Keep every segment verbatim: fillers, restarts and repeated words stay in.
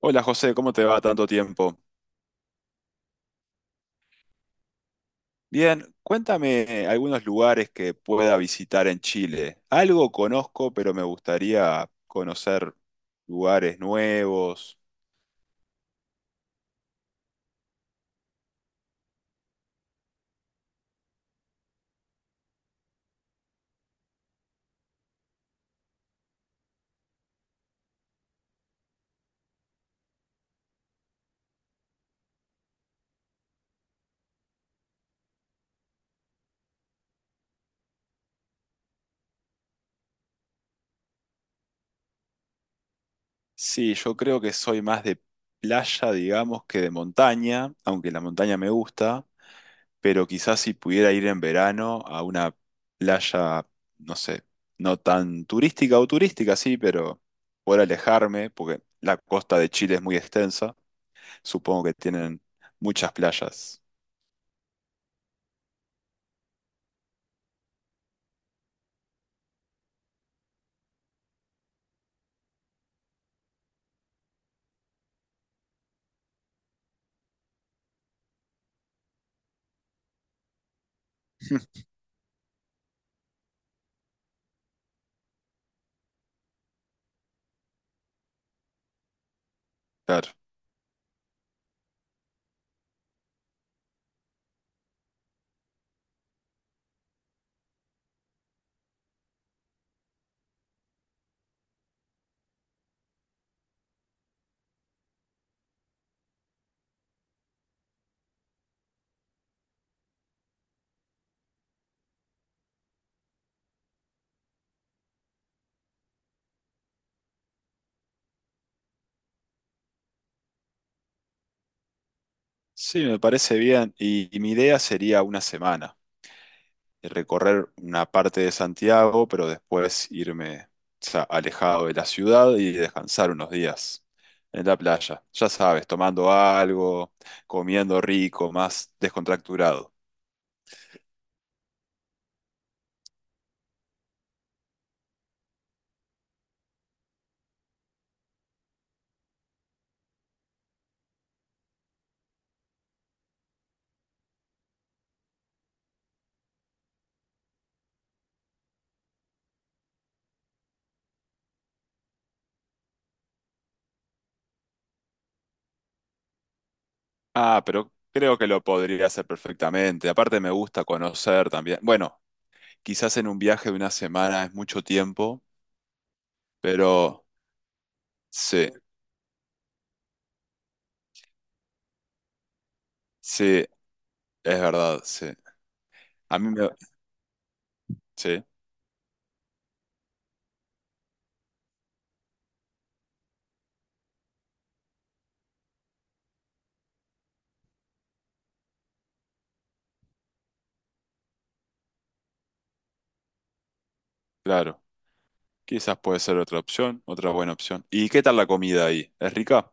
Hola José, ¿cómo te va? Tanto tiempo. Bien, cuéntame algunos lugares que pueda visitar en Chile. Algo conozco, pero me gustaría conocer lugares nuevos. Sí, yo creo que soy más de playa, digamos, que de montaña, aunque la montaña me gusta, pero quizás si pudiera ir en verano a una playa, no sé, no tan turística o turística, sí, pero poder alejarme, porque la costa de Chile es muy extensa. Supongo que tienen muchas playas. Claro. Sí, me parece bien. Y, y mi idea sería una semana, de recorrer una parte de Santiago, pero después irme, o sea, alejado de la ciudad y descansar unos días en la playa. Ya sabes, tomando algo, comiendo rico, más descontracturado. Ah, pero creo que lo podría hacer perfectamente. Aparte me gusta conocer también. Bueno, quizás en un viaje de una semana es mucho tiempo, pero sí. Sí, es verdad, sí. A mí me... Sí, claro. Quizás puede ser otra opción, otra buena opción. ¿Y qué tal la comida ahí? ¿Es rica?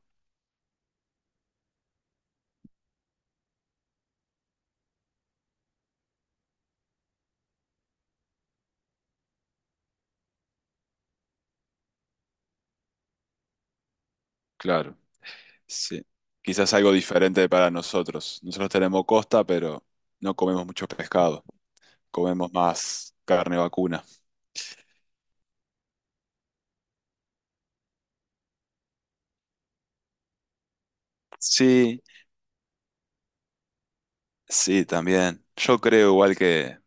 Claro. Sí. Quizás algo diferente para nosotros. Nosotros tenemos costa, pero no comemos mucho pescado. Comemos más carne vacuna. Sí, sí, también. Yo creo igual que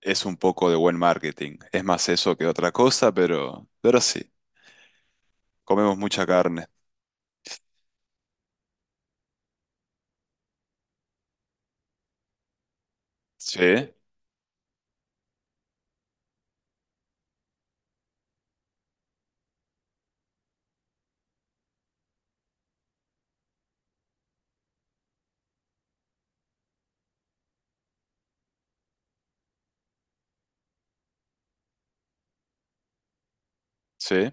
es un poco de buen marketing. Es más eso que otra cosa, pero, pero sí. Comemos mucha carne. Sí, sí,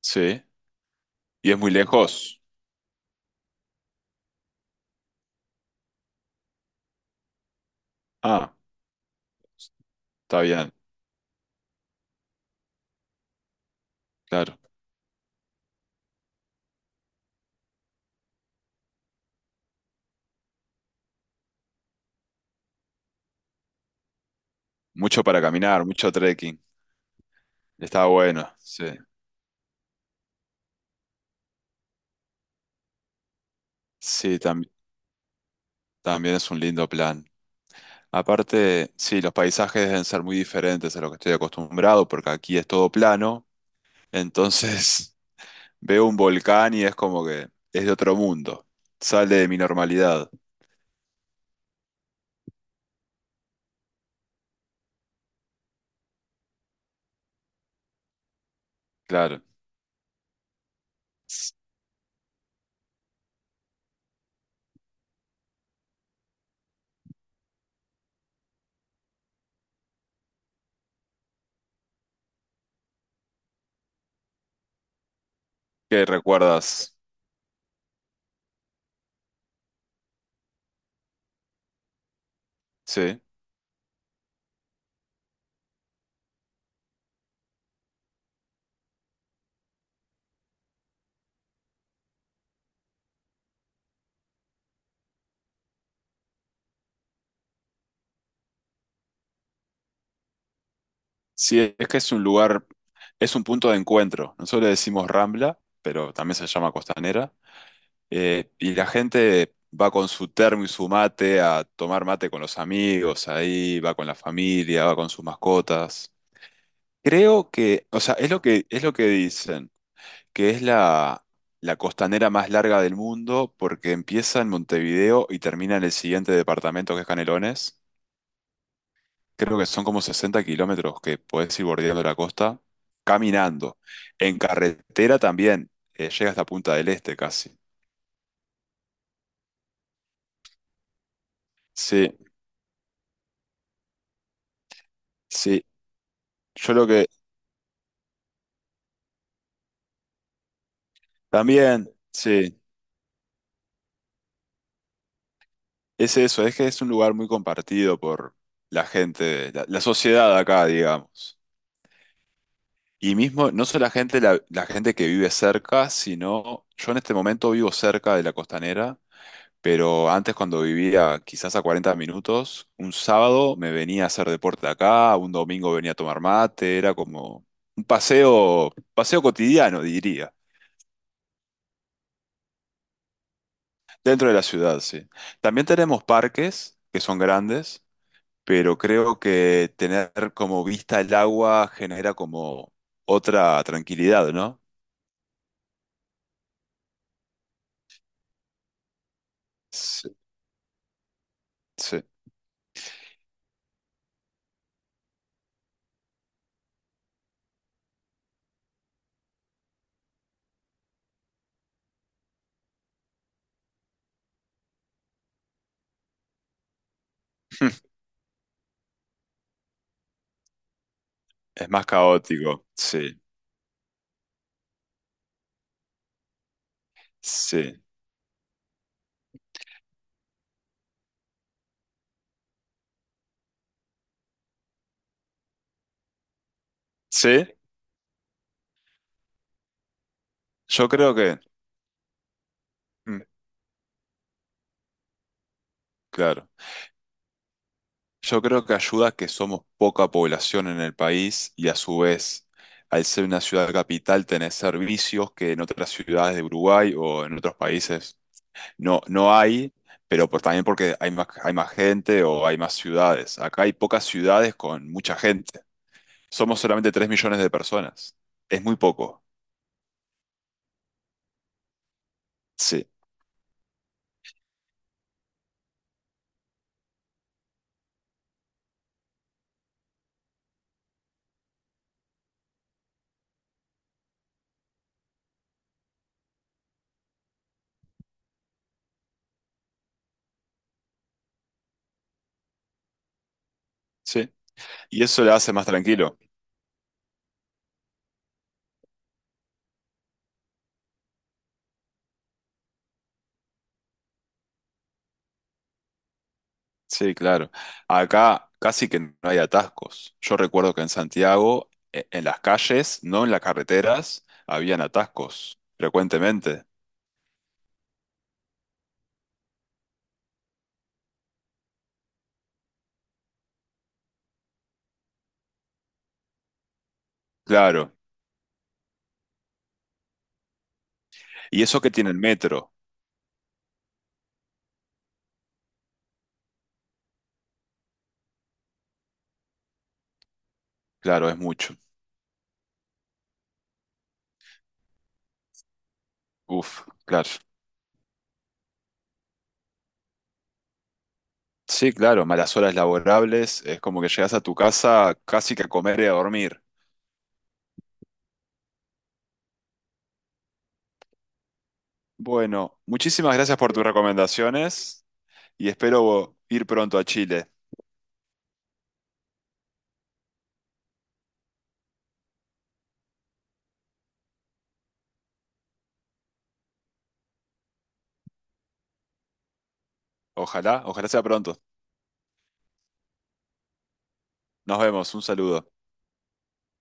sí. ¿Y es muy lejos? Ah. Está bien, claro. Mucho para caminar, mucho trekking. Está bueno, sí. Sí, tam- También es un lindo plan. Aparte, sí, los paisajes deben ser muy diferentes a lo que estoy acostumbrado, porque aquí es todo plano. Entonces, veo un volcán y es como que es de otro mundo. Sale de mi normalidad, claro. ¿Qué recuerdas? Sí. Sí, es que es un lugar, es un punto de encuentro. Nosotros le decimos Rambla, pero también se llama Costanera. Eh, y la gente va con su termo y su mate a tomar mate con los amigos, ahí va con la familia, va con sus mascotas. Creo que, o sea, es lo que, es lo que dicen, que es la, la costanera más larga del mundo porque empieza en Montevideo y termina en el siguiente departamento que es Canelones. Creo que son como sesenta kilómetros que podés ir bordeando la costa caminando. En carretera también, eh, llega hasta Punta del Este casi. Sí, sí. Yo lo que También, sí, es eso, es que es un lugar muy compartido por la gente, la, la sociedad de acá, digamos. Y mismo, no solo la gente, la, la gente que vive cerca, sino yo en este momento vivo cerca de la costanera, pero antes cuando vivía quizás a cuarenta minutos, un sábado me venía a hacer deporte acá, un domingo venía a tomar mate, era como un paseo, paseo cotidiano, diría, dentro de la ciudad, sí. También tenemos parques que son grandes, pero creo que tener como vista el agua genera como otra tranquilidad, ¿no? Sí, sí. Es más caótico, sí, sí, sí. Yo creo que, mm, claro, yo creo que ayuda a que somos poca población en el país y a su vez, al ser una ciudad capital, tenés servicios que en otras ciudades de Uruguay o en otros países no, no hay, pero pues también porque hay más, hay más gente o hay más ciudades. Acá hay pocas ciudades con mucha gente. Somos solamente tres millones de personas. Es muy poco. Sí, sí. Y eso le hace más tranquilo. Sí, claro. Acá casi que no hay atascos. Yo recuerdo que en Santiago, e- en las calles, no en las carreteras, habían atascos frecuentemente. Claro. Y eso que tiene el metro, claro, es mucho. Uf, claro. Sí, claro, malas horas laborables, es como que llegas a tu casa casi que a comer y a dormir. Bueno, muchísimas gracias por tus recomendaciones y espero ir pronto a Chile. Ojalá, ojalá sea pronto. Nos vemos, un saludo.